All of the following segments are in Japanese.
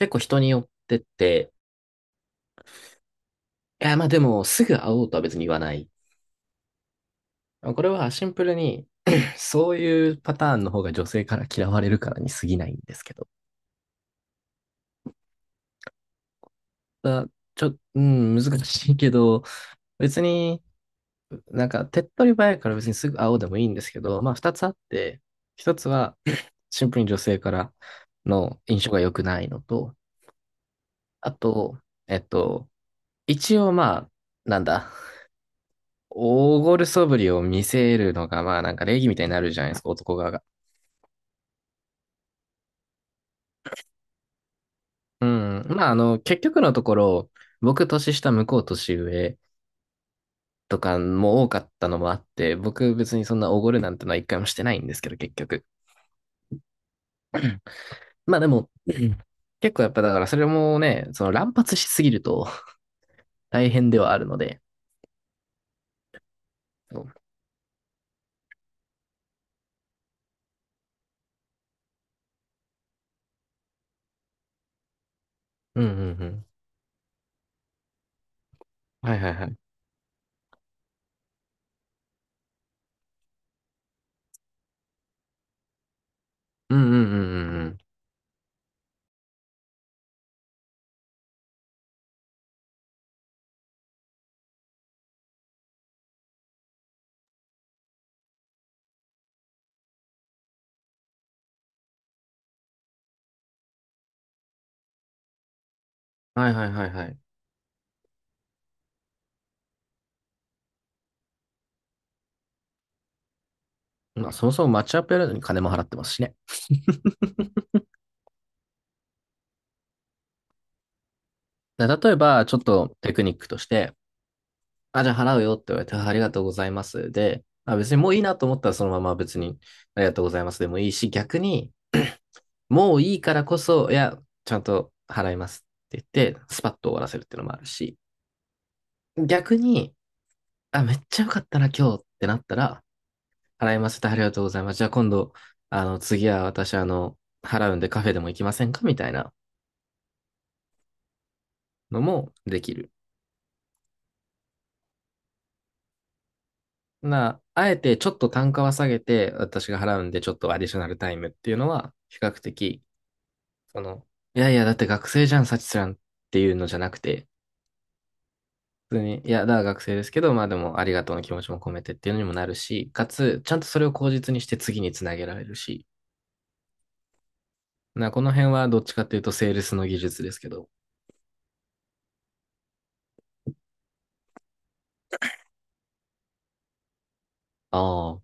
結構人によってって、いや、まあでも、すぐ会おうとは別に言わない。これはシンプルに そういうパターンの方が女性から嫌われるからに過ぎないんですけど。だちょ、うん、難しいけど、別になんか手っ取り早いから別にすぐ会おうでもいいんですけど、まあ二つあって、一つはシンプルに女性からの印象が良くないのと、あと、えっと、一応まあ、なんだ、大ごるそぶりを見せるのが、まあなんか礼儀みたいになるじゃないですか、男側が。うん。まあ結局のところ、僕年下、向こう年上とかも多かったのもあって、僕別にそんなおごるなんてのは一回もしてないんですけど、結局。まあでも、うん、結構やっぱだからそれもね、その乱発しすぎると大変ではあるので。そう、うんうんうん。はいはいはい。うんうんうんうんうん。はいはいはいはい。まあそもそもマッチアップやるのに金も払ってますしね。だから例えば、ちょっとテクニックとして、あ、じゃあ払うよって言われて、あ、ありがとうございます。で、あ、別にもういいなと思ったらそのまま別にありがとうございますでもいいし、逆にもういいからこそ、いや、ちゃんと払いますって言って、スパッと終わらせるっていうのもあるし、逆に、あ、めっちゃよかったな今日ってなったら、払いますってありがとうございます。じゃあ今度、あの、次は私あの、払うんでカフェでも行きませんかみたいなのもできる。な、あえてちょっと単価は下げて、私が払うんでちょっとアディショナルタイムっていうのは、比較的その、いやいや、だって学生じゃん、サチスランっていうのじゃなくて、普通に、いや、だから学生ですけど、まあでもありがとうの気持ちも込めてっていうのにもなるし、かつ、ちゃんとそれを口実にして次につなげられるし、な、この辺はどっちかっていうとセールスの技術ですけど。ああ、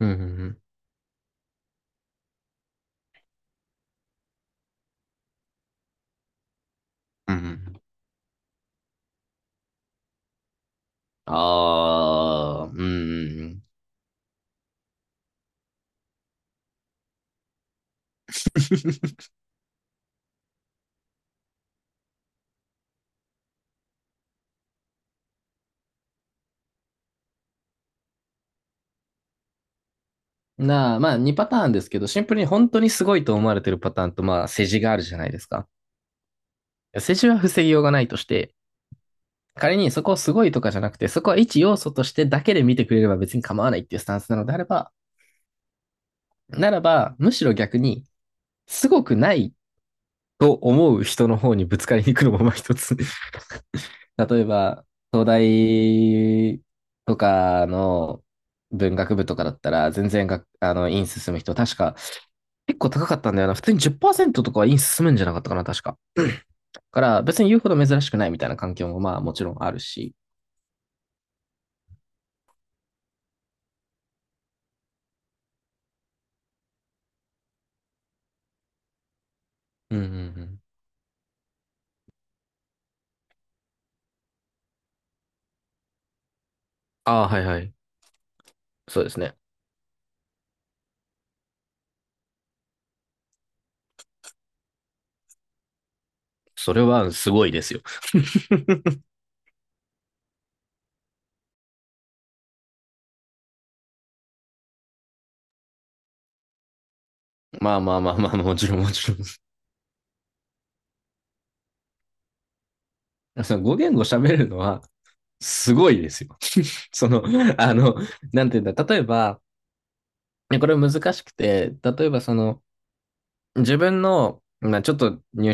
うん、うん、うん。うんうん。ああ、うん。なあ、まあ2パターンですけど、シンプルに本当にすごいと思われてるパターンと、まあ世辞があるじゃないですか。世辞は防ぎようがないとして、仮にそこをすごいとかじゃなくて、そこは一要素としてだけで見てくれれば別に構わないっていうスタンスなのであれば、ならば、むしろ逆に、すごくないと思う人の方にぶつかりに行くのもまあ一つ。例えば、東大とかの文学部とかだったら、全然があの、院進む人、確か、結構高かったんだよな。普通に10%とかは院進むんじゃなかったかな、確か。だから、別に言うほど珍しくないみたいな環境もまあもちろんあるし。うんうんうん。ああ、はいはい。そうですね。それはすごいですよ。まあまあまあまあ、もちろんもちろん。そのご言語喋るのはすごいですよ。その、あの、なんていうんだ、例えば、ね、これ難しくて、例えばその、自分の、まあちょっと入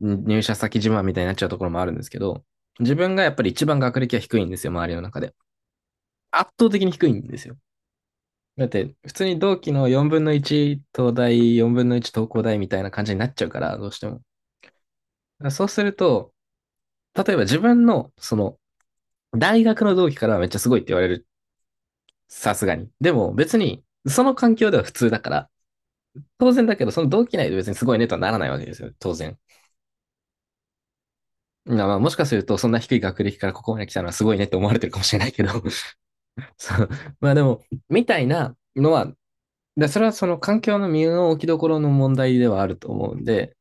入社先自慢みたいになっちゃうところもあるんですけど、自分がやっぱり一番学歴は低いんですよ、周りの中で。圧倒的に低いんですよ。だって、普通に同期の4分の1東大、4分の1東工大みたいな感じになっちゃうから、どうしても。そうすると、例えば自分の、その、大学の同期からはめっちゃすごいって言われる。さすがに。でも別に、その環境では普通だから、当然だけど、その同期内で別にすごいねとはならないわけですよ。当然。まあまあ、もしかすると、そんな低い学歴からここまで来たのはすごいねって思われてるかもしれないけど そう。まあでも、みたいなのは、でそれはその環境の身の置きどころの問題ではあると思うんで、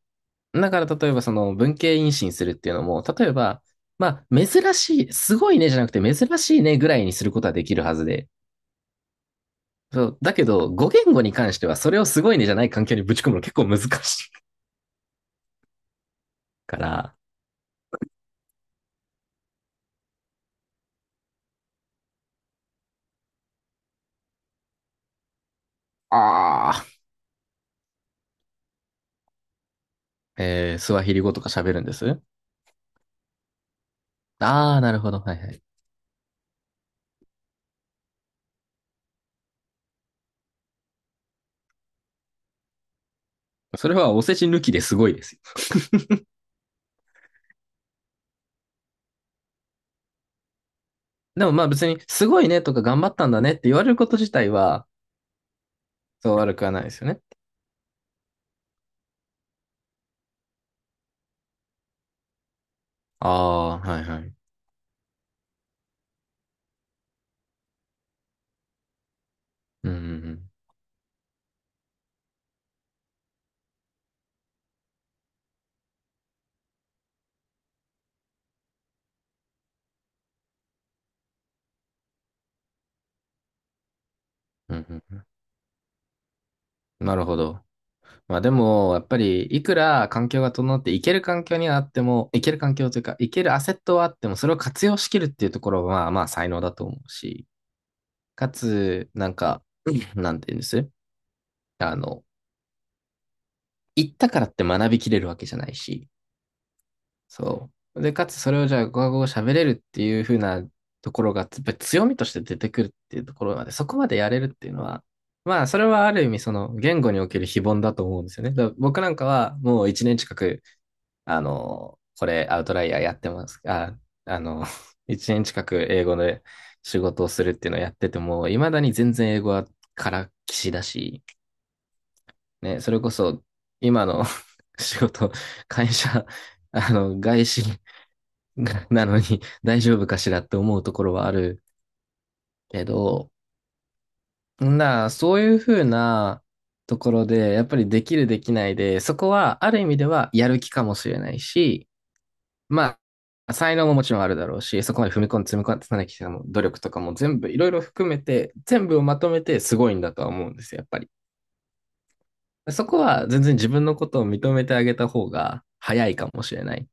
だから例えばその文系妊進するっていうのも、例えば、まあ、珍しい、すごいねじゃなくて珍しいねぐらいにすることはできるはずで、そう。だけど、語言語に関しては、それをすごいねじゃない環境にぶち込むの結構難しいから、ああ、えー、スワヒリ語とか喋るんです、ああ、なるほど。はいはい。それはお世辞抜きですごいですよ。でもまあ別に、すごいねとか頑張ったんだねって言われること自体は、そう悪くはないですよね。ああ、はいはい。うん、うん、うん、うんうん。なるほど。まあでも、やっぱり、いくら環境が整っていける環境にはあっても、いける環境というか、いけるアセットはあっても、それを活用しきるっていうところは、まあまあ才能だと思うし、かつ、なんか、なんて言うんです、あの、行ったからって学びきれるわけじゃないし、そう。で、かつそれをじゃあ、語学語喋れるっていう風なところが、やっぱり強みとして出てくるっていうところまで、そこまでやれるっていうのは、まあ、それはある意味、その、言語における非凡だと思うんですよね。だから僕なんかは、もう一年近く、あの、これアウトライヤーやってます。あ、あの、1年近く英語で仕事をするっていうのをやってても、未だに全然英語はからっきしだし、ね、それこそ今の 仕事、会社、あの、外資 なのに 大丈夫かしらって思うところはあるけど、な、そういうふうなところで、やっぱりできるできないで、そこはある意味ではやる気かもしれないし、まあ、才能ももちろんあるだろうし、そこまで踏み込んで積み重ねてきた努力とかも全部いろいろ含めて、全部をまとめてすごいんだとは思うんですよ、やっぱり。そこは全然自分のことを認めてあげた方が早いかもしれない。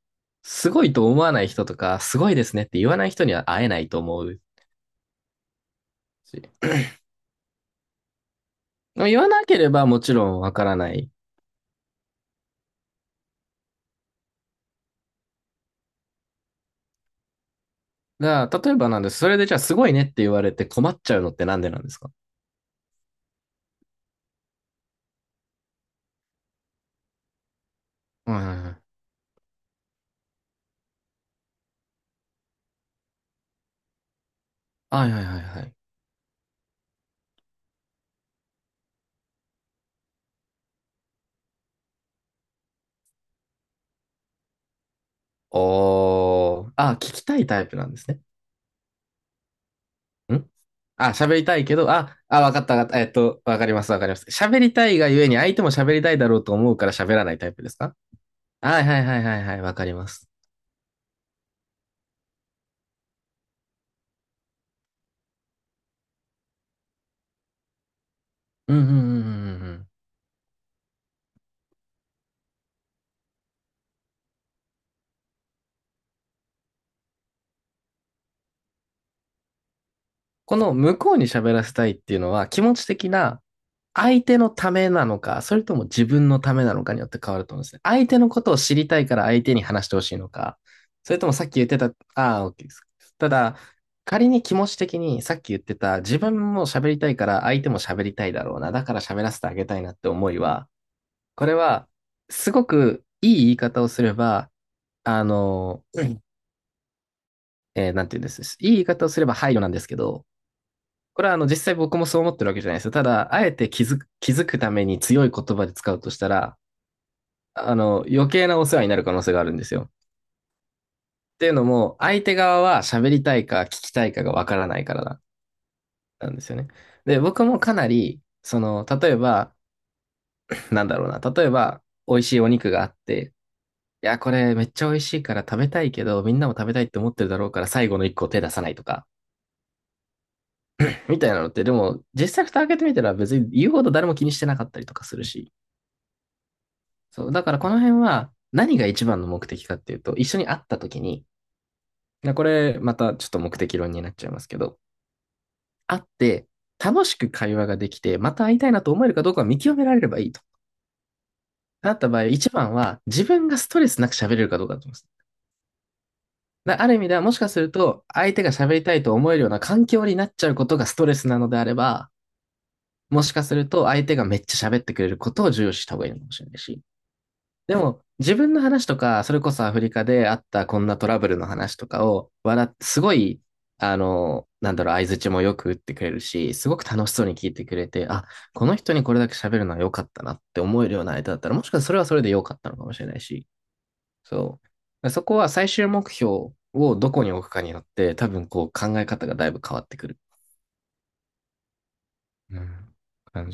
すごいと思わない人とか、すごいですねって言わない人には会えないと思うし。言わなければもちろんわからない。が、例えばなんです。それでじゃあすごいねって言われて困っちゃうのってなんでなんですか？はいはいはい。はいはいはいはい。おー。あ、聞きたいタイプなんですね。ん、あ、喋りたいけど、あ、あ、わかったわかった。わかります、わかります。喋りたいがゆえに相手も喋りたいだろうと思うから喋らないタイプですか？はいはいはいはいはい、わかります。うんうんうんうんうんうん。この向こうに喋らせたいっていうのは気持ち的な、相手のためなのか、それとも自分のためなのかによって変わると思うんですね。相手のことを知りたいから相手に話してほしいのか、それともさっき言ってた、ああ、OK です。ただ、仮に気持ち的にさっき言ってた自分も喋りたいから相手も喋りたいだろうな、だから喋らせてあげたいなって思いは、これはすごくいい言い方をすれば、あの、うん、えー、なんて言うんです。いい言い方をすれば配慮なんですけど、これはあの実際僕もそう思ってるわけじゃないですよ。ただ、あえて気づくために強い言葉で使うとしたら、あの、余計なお世話になる可能性があるんですよ。っていうのも、相手側は喋りたいか聞きたいかがわからないからななんですよね。で、僕もかなり、その、例えば、なんだろうな、例えば、美味しいお肉があって、いや、これめっちゃ美味しいから食べたいけど、みんなも食べたいって思ってるだろうから最後の一個手出さないとか、みたいなのって、でも実際蓋開けてみたら別に言うほど誰も気にしてなかったりとかするし、そう、だからこの辺は何が一番の目的かっていうと、一緒に会った時に、な、これまたちょっと目的論になっちゃいますけど、会って楽しく会話ができて、また会いたいなと思えるかどうかを見極められればいいと。なった場合、一番は自分がストレスなく喋れるかどうかだと思います。だある意味ではもしかすると、相手が喋りたいと思えるような環境になっちゃうことがストレスなのであれば、もしかすると相手がめっちゃ喋ってくれることを重要視した方がいいのかもしれないし、でも、自分の話とか、それこそアフリカであったこんなトラブルの話とかを、笑って、すごい、あの、なんだろう、相槌もよく打ってくれるし、すごく楽しそうに聞いてくれて、あ、この人にこれだけ喋るのは良かったなって思えるような相手だったら、もしかしたらそれはそれで良かったのかもしれないし、そう。そこは最終目標をどこに置くかによって、多分こう考え方がだいぶ変わってくる、うん、感